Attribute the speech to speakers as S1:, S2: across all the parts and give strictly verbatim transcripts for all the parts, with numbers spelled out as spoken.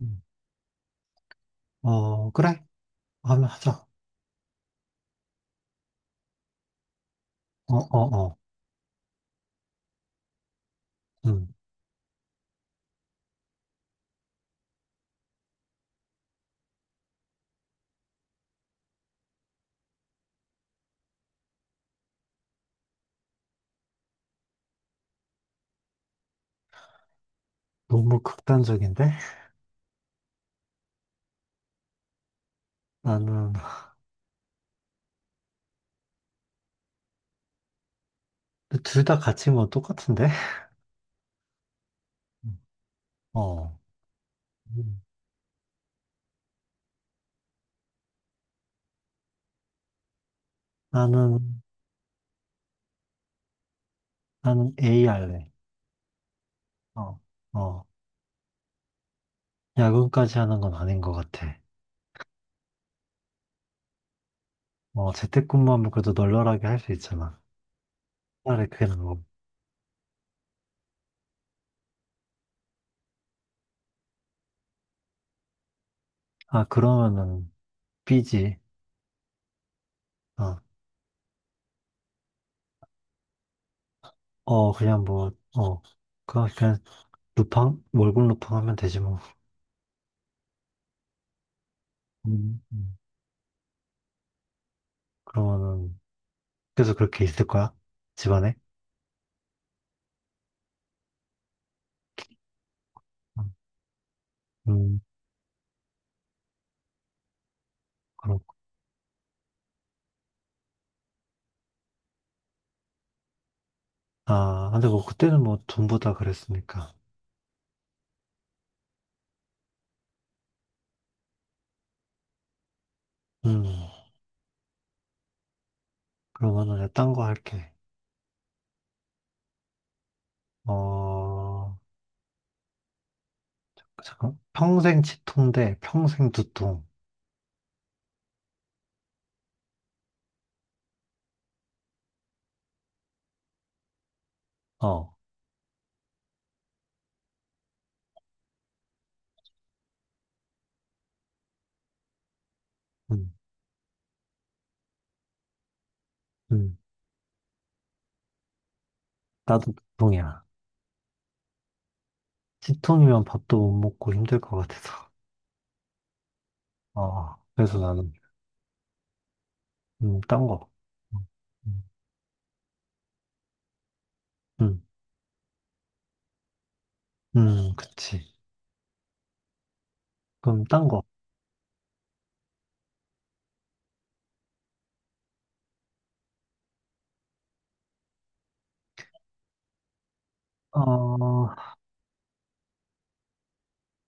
S1: 음. 어, 그래. 하면 하자. 어, 어, 어. 음, 너무 극단적인데? 나는, 둘 다 같이 뭐 똑같은데? 음. 어. 음. 나는, 나는 A 할래. 어, 어. 야근까지 하는 건 아닌 것 같아. 어, 재택근무하면 그래도 널널하게 할 수 있잖아. 차라리 그게 나은 거. 아, 그러면은 B지. 어, 어, 그냥 뭐, 어. 그냥, 그냥 루팡? 월급 루팡 하면 되지 뭐. 음. 음. 그러면은, 계속 그렇게 있을 거야? 집안에? 음, 그렇고. 아, 근데 뭐 그때는 뭐 전부 다 그랬으니까. 음, 그러면은 내가 딴거 할게. 어, 잠깐. 평생 치통 대 평생 두통. 어, 음, 음. 나도 두통이야. 치통이면 밥도 못 먹고 힘들 것 같아서. 어, 그래서 나는, 음, 딴 거. 음, 음, 음, 그치. 그럼 딴 거. 어,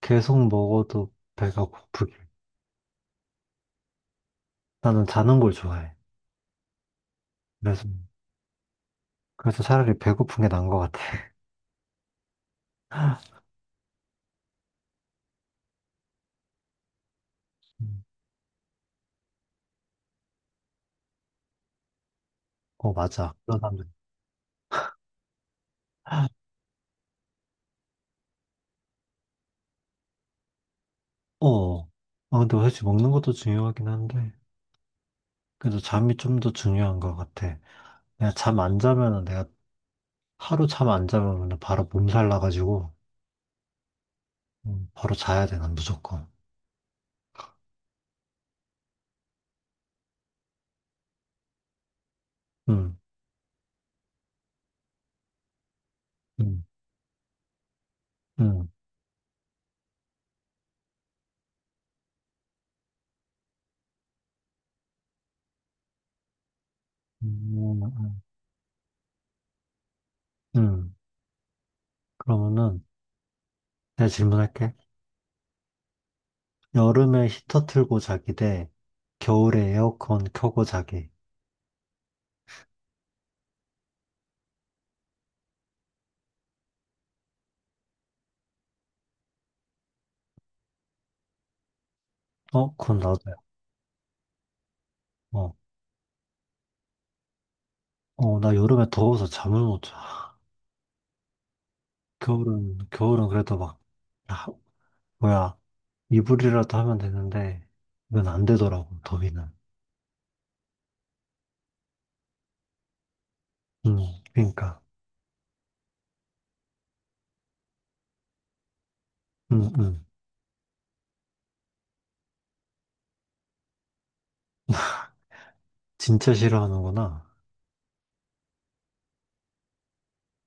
S1: 계속 먹어도 배가 고프길. 나는 자는 걸 좋아해. 그래서. 그래서 차라리 배고픈 게 나은 것 같아. 음. 어, 맞아. 그런 사람들. 어. 아, 근데 사실 먹는 것도 중요하긴 한데, 그래도 잠이 좀 더 중요한 것 같아. 내가 잠 안 자면은, 내가 하루 잠 안 자면은 바로 몸살 나가지고, 음, 바로 자야 돼, 난 무조건. 응. 응. 응. 음, 음. 그러면은, 내가 질문할게. 여름에 히터 틀고 자기 대 겨울에 에어컨 켜고 자기. 어, 그건 나도야. 어, 어, 나 여름에 더워서 잠을 못 자. 겨울은, 겨울은 그래도 막, 아, 뭐야, 이불이라도 하면 되는데, 이건 안 되더라고, 더위는. 음, 그니까. 음, 음. 진짜 싫어하는구나.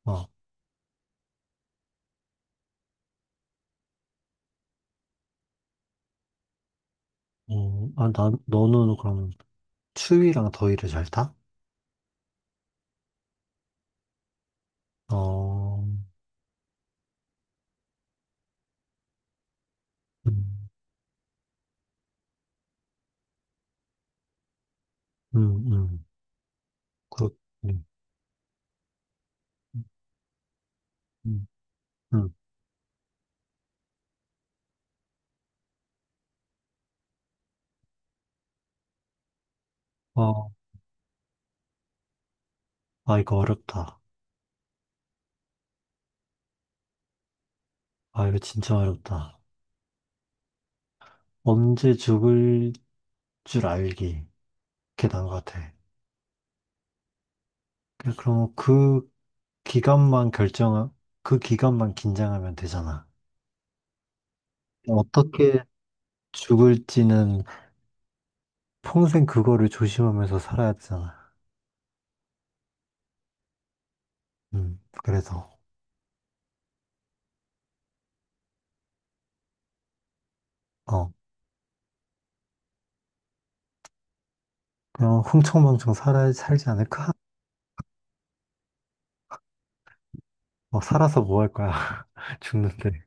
S1: 어, 어, 아, 나, 너는 그럼 추위랑 더위를 잘 타? 어, 음, 음, 음. 그렇, 음, 음, 음. 음. 어, 아, 이거 어렵다. 아, 이거 진짜 어렵다. 언제 죽을 줄 알기. 그게 나은 것 같아. 그냥 그럼 그, 기간만 결정, 그 기간만 긴장하면 되잖아. 어떻게 죽을지는 평생 그거를 조심하면서 살아야 되잖아. 음, 그래서, 어, 그냥 흥청망청 살아, 살지 않을까? 어, 살아서 뭐 할 거야? 죽는데.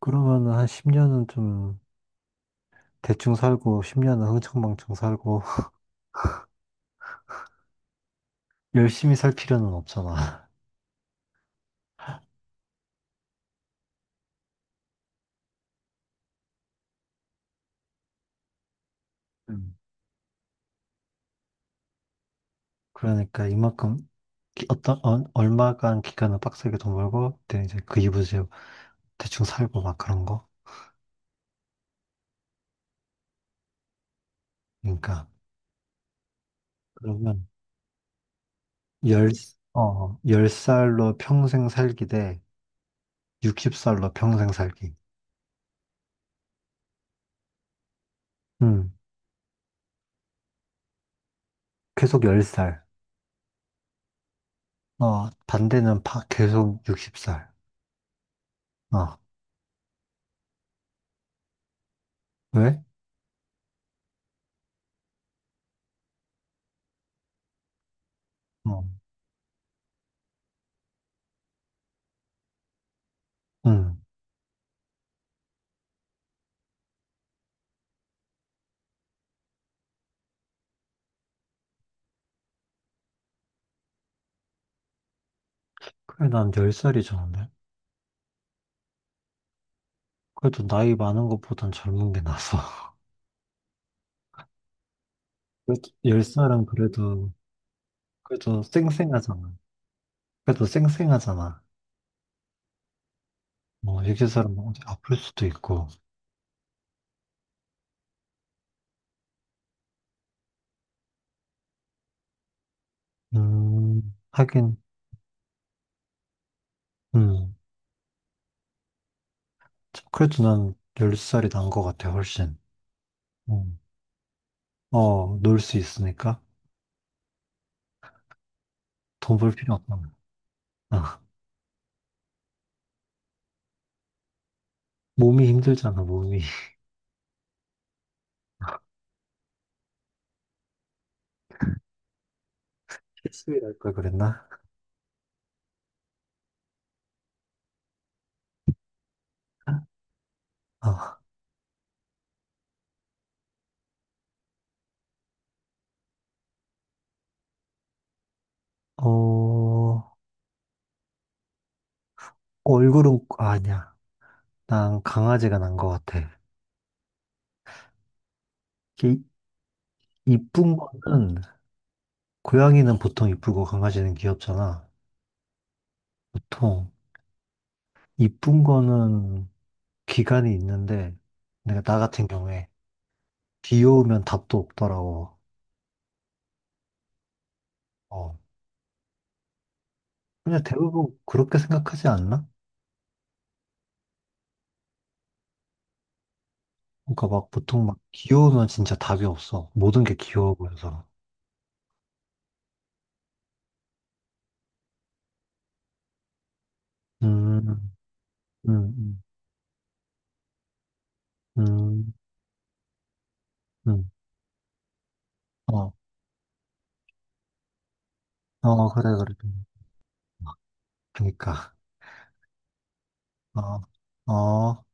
S1: 그러면은 한 십 년은 좀 대충 살고, 십 년은 흥청망청 살고, 열심히 살 필요는 없잖아. 음. 그러니까 이만큼, 기- 어떤, 어, 얼마간 기간을 빡세게 돈 벌고, 그때 이제 그 이후에 대충 살고 막 그런 거. 그러니까 그러면 열, 어, 열살로 평생 살기 대 예순 살로 평생 살기. 음, 계속 열 살. 어, 반대는 파, 계속 예순 살. 어, 왜? 어, 음. 그래, 난 열 살이 좋은데. 그래도 나이 많은 것보단 젊은 게 나서. 그래도 열 살은 그래도, 그래도 쌩쌩하잖아. 그래도 쌩쌩하잖아. 뭐, 예순 살은 뭐 어디 아플 수도 있고. 음, 하긴, 음. 그래도 난 열 살이 난 것 같아, 훨씬. 음. 어, 놀 수 있으니까 돈 벌 필요 없잖아. 아, 몸이 힘들잖아, 몸이. 실수일할 걸 그랬나? 아, 어, 얼굴은, 아, 아니야. 난 강아지가 난 것 같아. 이, 이쁜 거는, 고양이는 보통 이쁘고 강아지는 귀엽잖아. 보통, 이쁜 거는 기간이 있는데, 내가 나 같은 경우에, 귀여우면 답도 없더라고. 어, 그냥 대부분 그렇게 생각하지 않나? 그러니까 막 보통 막 귀여우면 진짜 답이 없어. 모든 게 귀여워 보여서. 음, 음, 음, 음, 음. 어, 어, 그래, 그래. 그니까. 어, 어.